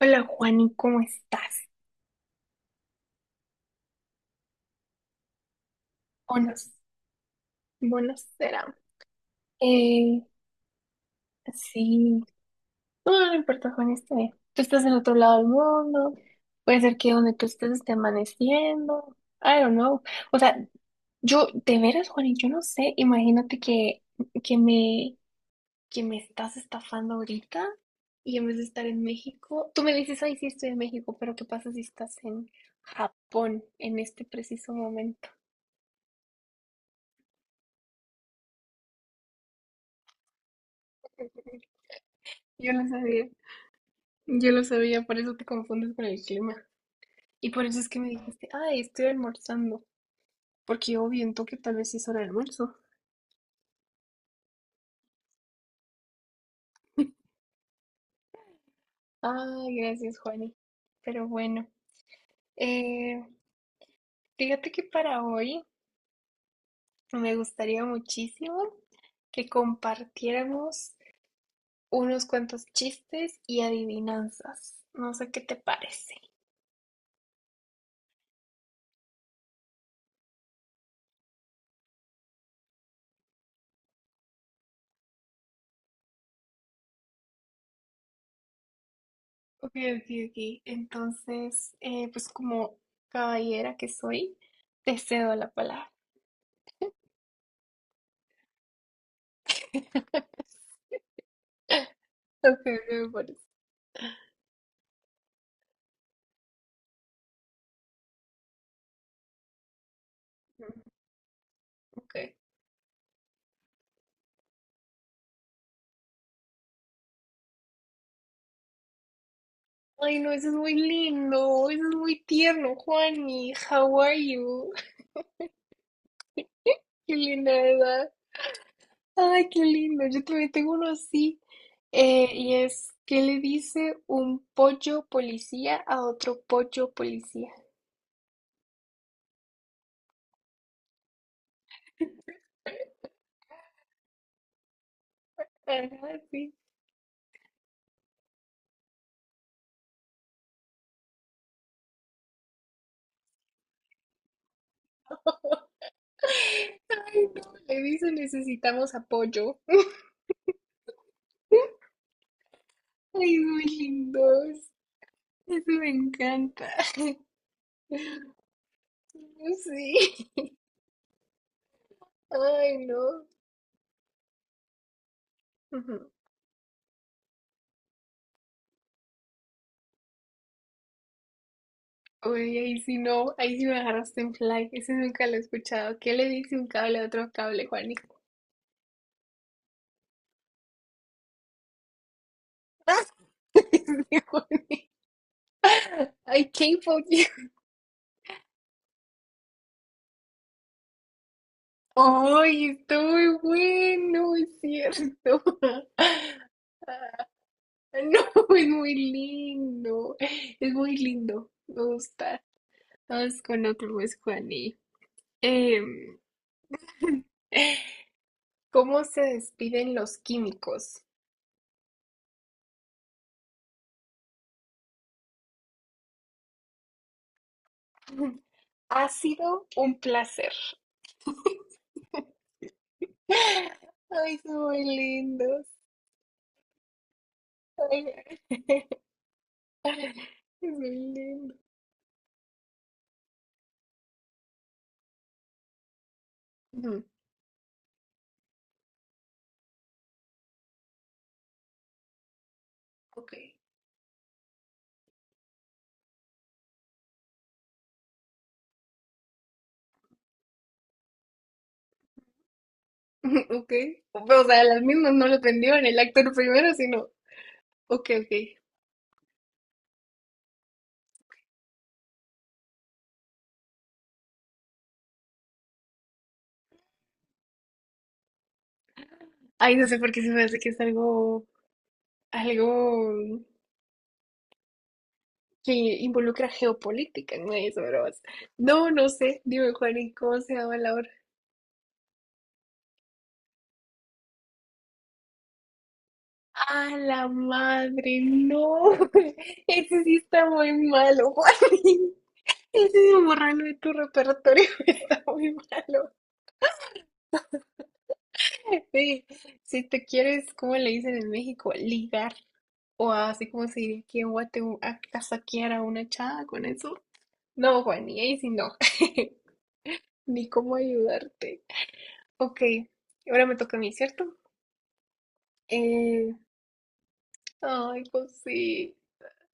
Hola Juani, ¿cómo estás? Buenos, buenos serán. Eh, sí, no, no importa Juani, está bien. Tú estás en otro lado del mundo, puede ser que donde tú estés esté amaneciendo, I don't know. O sea, yo, de veras Juani, yo no sé, imagínate que, que me, que me estás estafando ahorita y en vez de estar en México, tú me dices, ay, sí estoy en México, pero ¿qué pasa si estás en Japón en este preciso momento? Yo no sabía. Yo lo sabía, por eso te confundes con el clima. Y por eso es que me dijiste, ay, estoy almorzando. Porque yo viento que tal vez es hora de almuerzo. Ay, gracias, Juani. Pero bueno, eh, fíjate que para hoy me gustaría muchísimo que compartiéramos unos cuantos chistes y adivinanzas. No sé qué te parece. Ok, ok, ok. Entonces, pues como caballera que soy, te cedo la palabra. Ok, ok, me parece. Ok. Ay, no, eso es muy lindo, eso es muy tierno, Juani. How are you? Qué linda, ¿verdad? Ay, qué lindo. Yo también tengo uno así. Y es, ¿qué le dice un pollo policía a otro pollo policía? Ajá, sí. Ay, no, le dice necesitamos apoyo. Ay, es muy lindo. Eso me encanta. Sí. Ay, no. Ujú. Uy, ahí sí no, ahí sí me agarraste en fly, ese nunca lo he escuchado. ¿Qué le dice un cable a otro cable, Juani? Juani. I came for you. Ay, está muy bueno, es cierto. Ah, No, es muy lindo, me gusta. Vamos con otro, pues, Juani. Em, ¿Cómo se despiden los químicos? Ha sido un placer. Ay, son muy lindos. Ay, es muy lindo. Ujú, Ok, ok. O sea, las mismas no lo prendió en el actor primero, sino, ok, ok. Ay, no sé por qué se me hace que es algo, algo que involucra geopolítica, no es bromas. No, no sé. Dime, Juan, ¿y cómo se llama la obra? ¡Ah, la madre! ¡No! Ese sí está muy malo, Juan. Decidido borrarlo de tu repertorio está muy malo. Sí, si te quieres, ¿cómo le dicen en México? Ligar. O así como se diría que en guate a casaquear a una chava con eso. No, Juan, y ahí sí no. Ni cómo ayudarte. Ok, ahora me toca a mí, ¿cierto? Eh, ay, pues sí.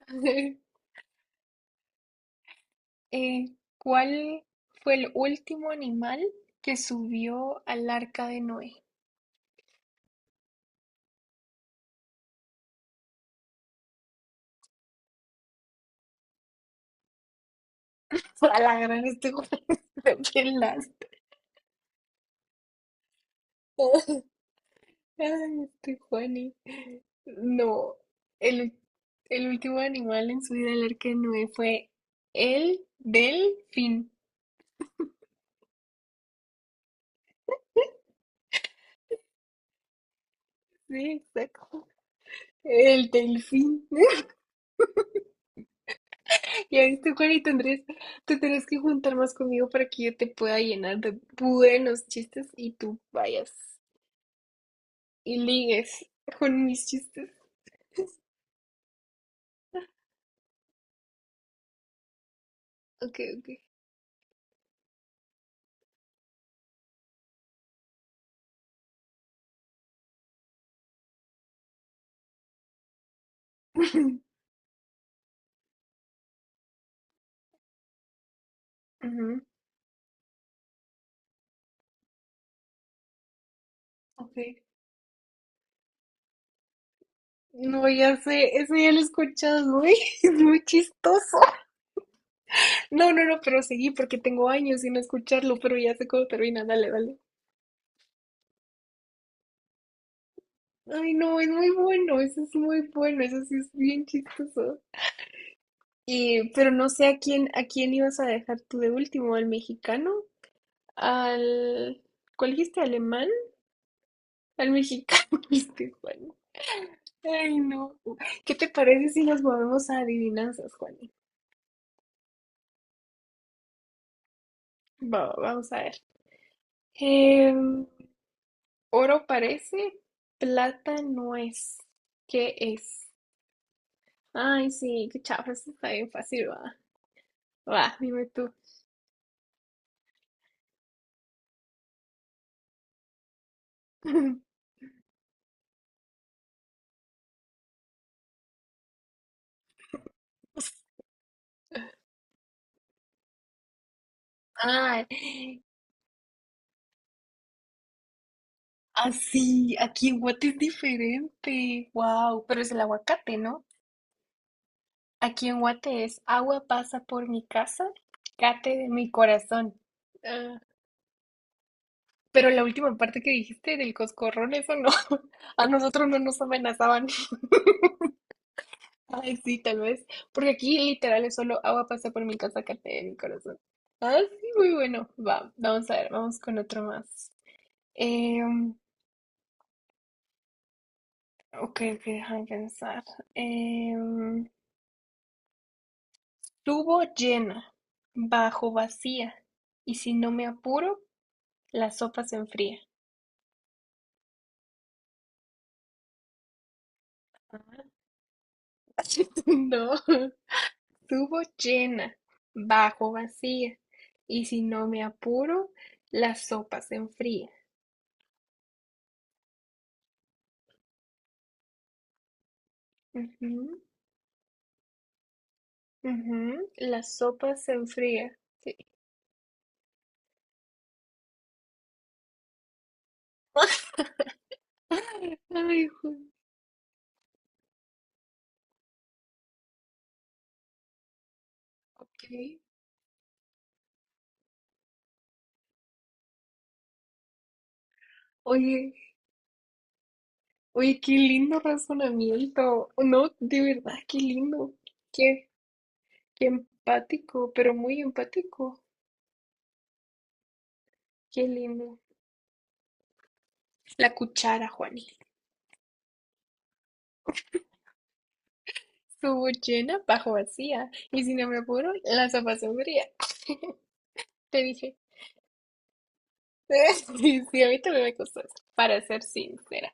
¿Cuál fue el último animal que subió al arca de Noé? A la gran de pelas. Ay, este Juani. No, el, ul- el último animal en subir al arca de Noé fue el delfín. Sí, exacto. El delfín. Ya viste, Juanito Andrés, te tenés que juntar más conmigo para que yo te pueda llenar de buenos chistes y tú vayas y ligues con mis chistes. Ok, ok. Ujú, ok. No, ya sé, eso ya lo he escuchado, es muy, es muy chistoso. No, no, no, pero seguí porque tengo años sin escucharlo, pero ya sé cómo termina, dale, dale. Ay, no, es muy bueno, eso es muy bueno, eso sí es bien chistoso. Y, pero no sé a quién ibas a dejar tú de último, al mexicano, al, ¿cuál dijiste? ¿Alemán? Al mexicano, dijiste, Juan. Ay, no. ¿Qué te parece si nos movemos a adivinanzas, Juan? Va, va, vamos a ver. Em, oro parece, plata no es. ¿Qué es? Ay, sí, qué chafa, eso está bien fácil, va. Va, dime tú. Ah, así, aquí en Guate es diferente. Wow, pero es el aguacate, ¿no? Aquí en Guate es agua pasa por mi casa, cate de mi corazón. Ah, Pero la última parte que dijiste del coscorrón, eso no. A nosotros no nos amenazaban. Ay, sí, tal vez. Porque aquí literal es solo agua pasa por mi casa, cate de mi corazón. Ah, sí, muy bueno. Va, vamos a ver, vamos con otro más. Em, ok, ok, déjame pensar. Em, tubo llena, bajo vacía, y si no me apuro, la sopa se enfría. No, tubo llena, bajo vacía, y si no me apuro, la sopa se enfría. Ujú, ujú, La sopa se enfría. Sí. Ay, ju- ok. Oye, oye, qué lindo razonamiento. No, de verdad, qué lindo. Qué Qué empático, pero muy empático. Qué lindo. La cuchara, Juani. Subo llena, bajo vacía. Y si no me apuro, la sopa se enfría. Te dije. Sí, sí, a mí también me costó eso. Para ser sincera,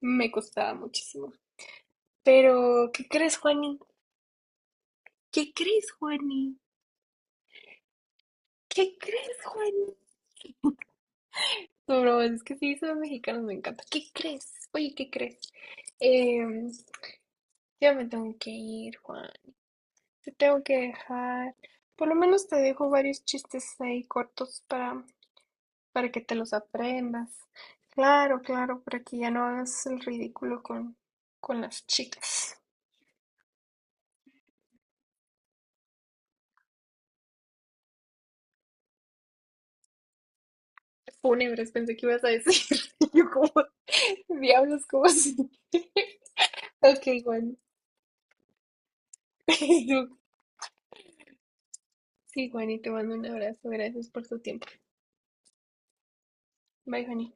me costaba muchísimo. Pero, ¿qué crees, Juani? ¿Qué crees, Juani? ¿Qué crees, Juani? No, bro, es que sí, son mexicanos, me encanta. ¿Qué crees? Oye, ¿qué crees? Em, ya me tengo que ir, Juan. Te tengo que dejar. Por lo menos te dejo varios chistes ahí cortos para que te los aprendas. Claro, claro, para que ya no hagas el ridículo con las chicas. Fúnebres, pensé que ibas a decir. Yo como, diablos, como así. Ok, Juan. Sí, Juan, y te mando un abrazo. Gracias por tu tiempo. Bye, Juan.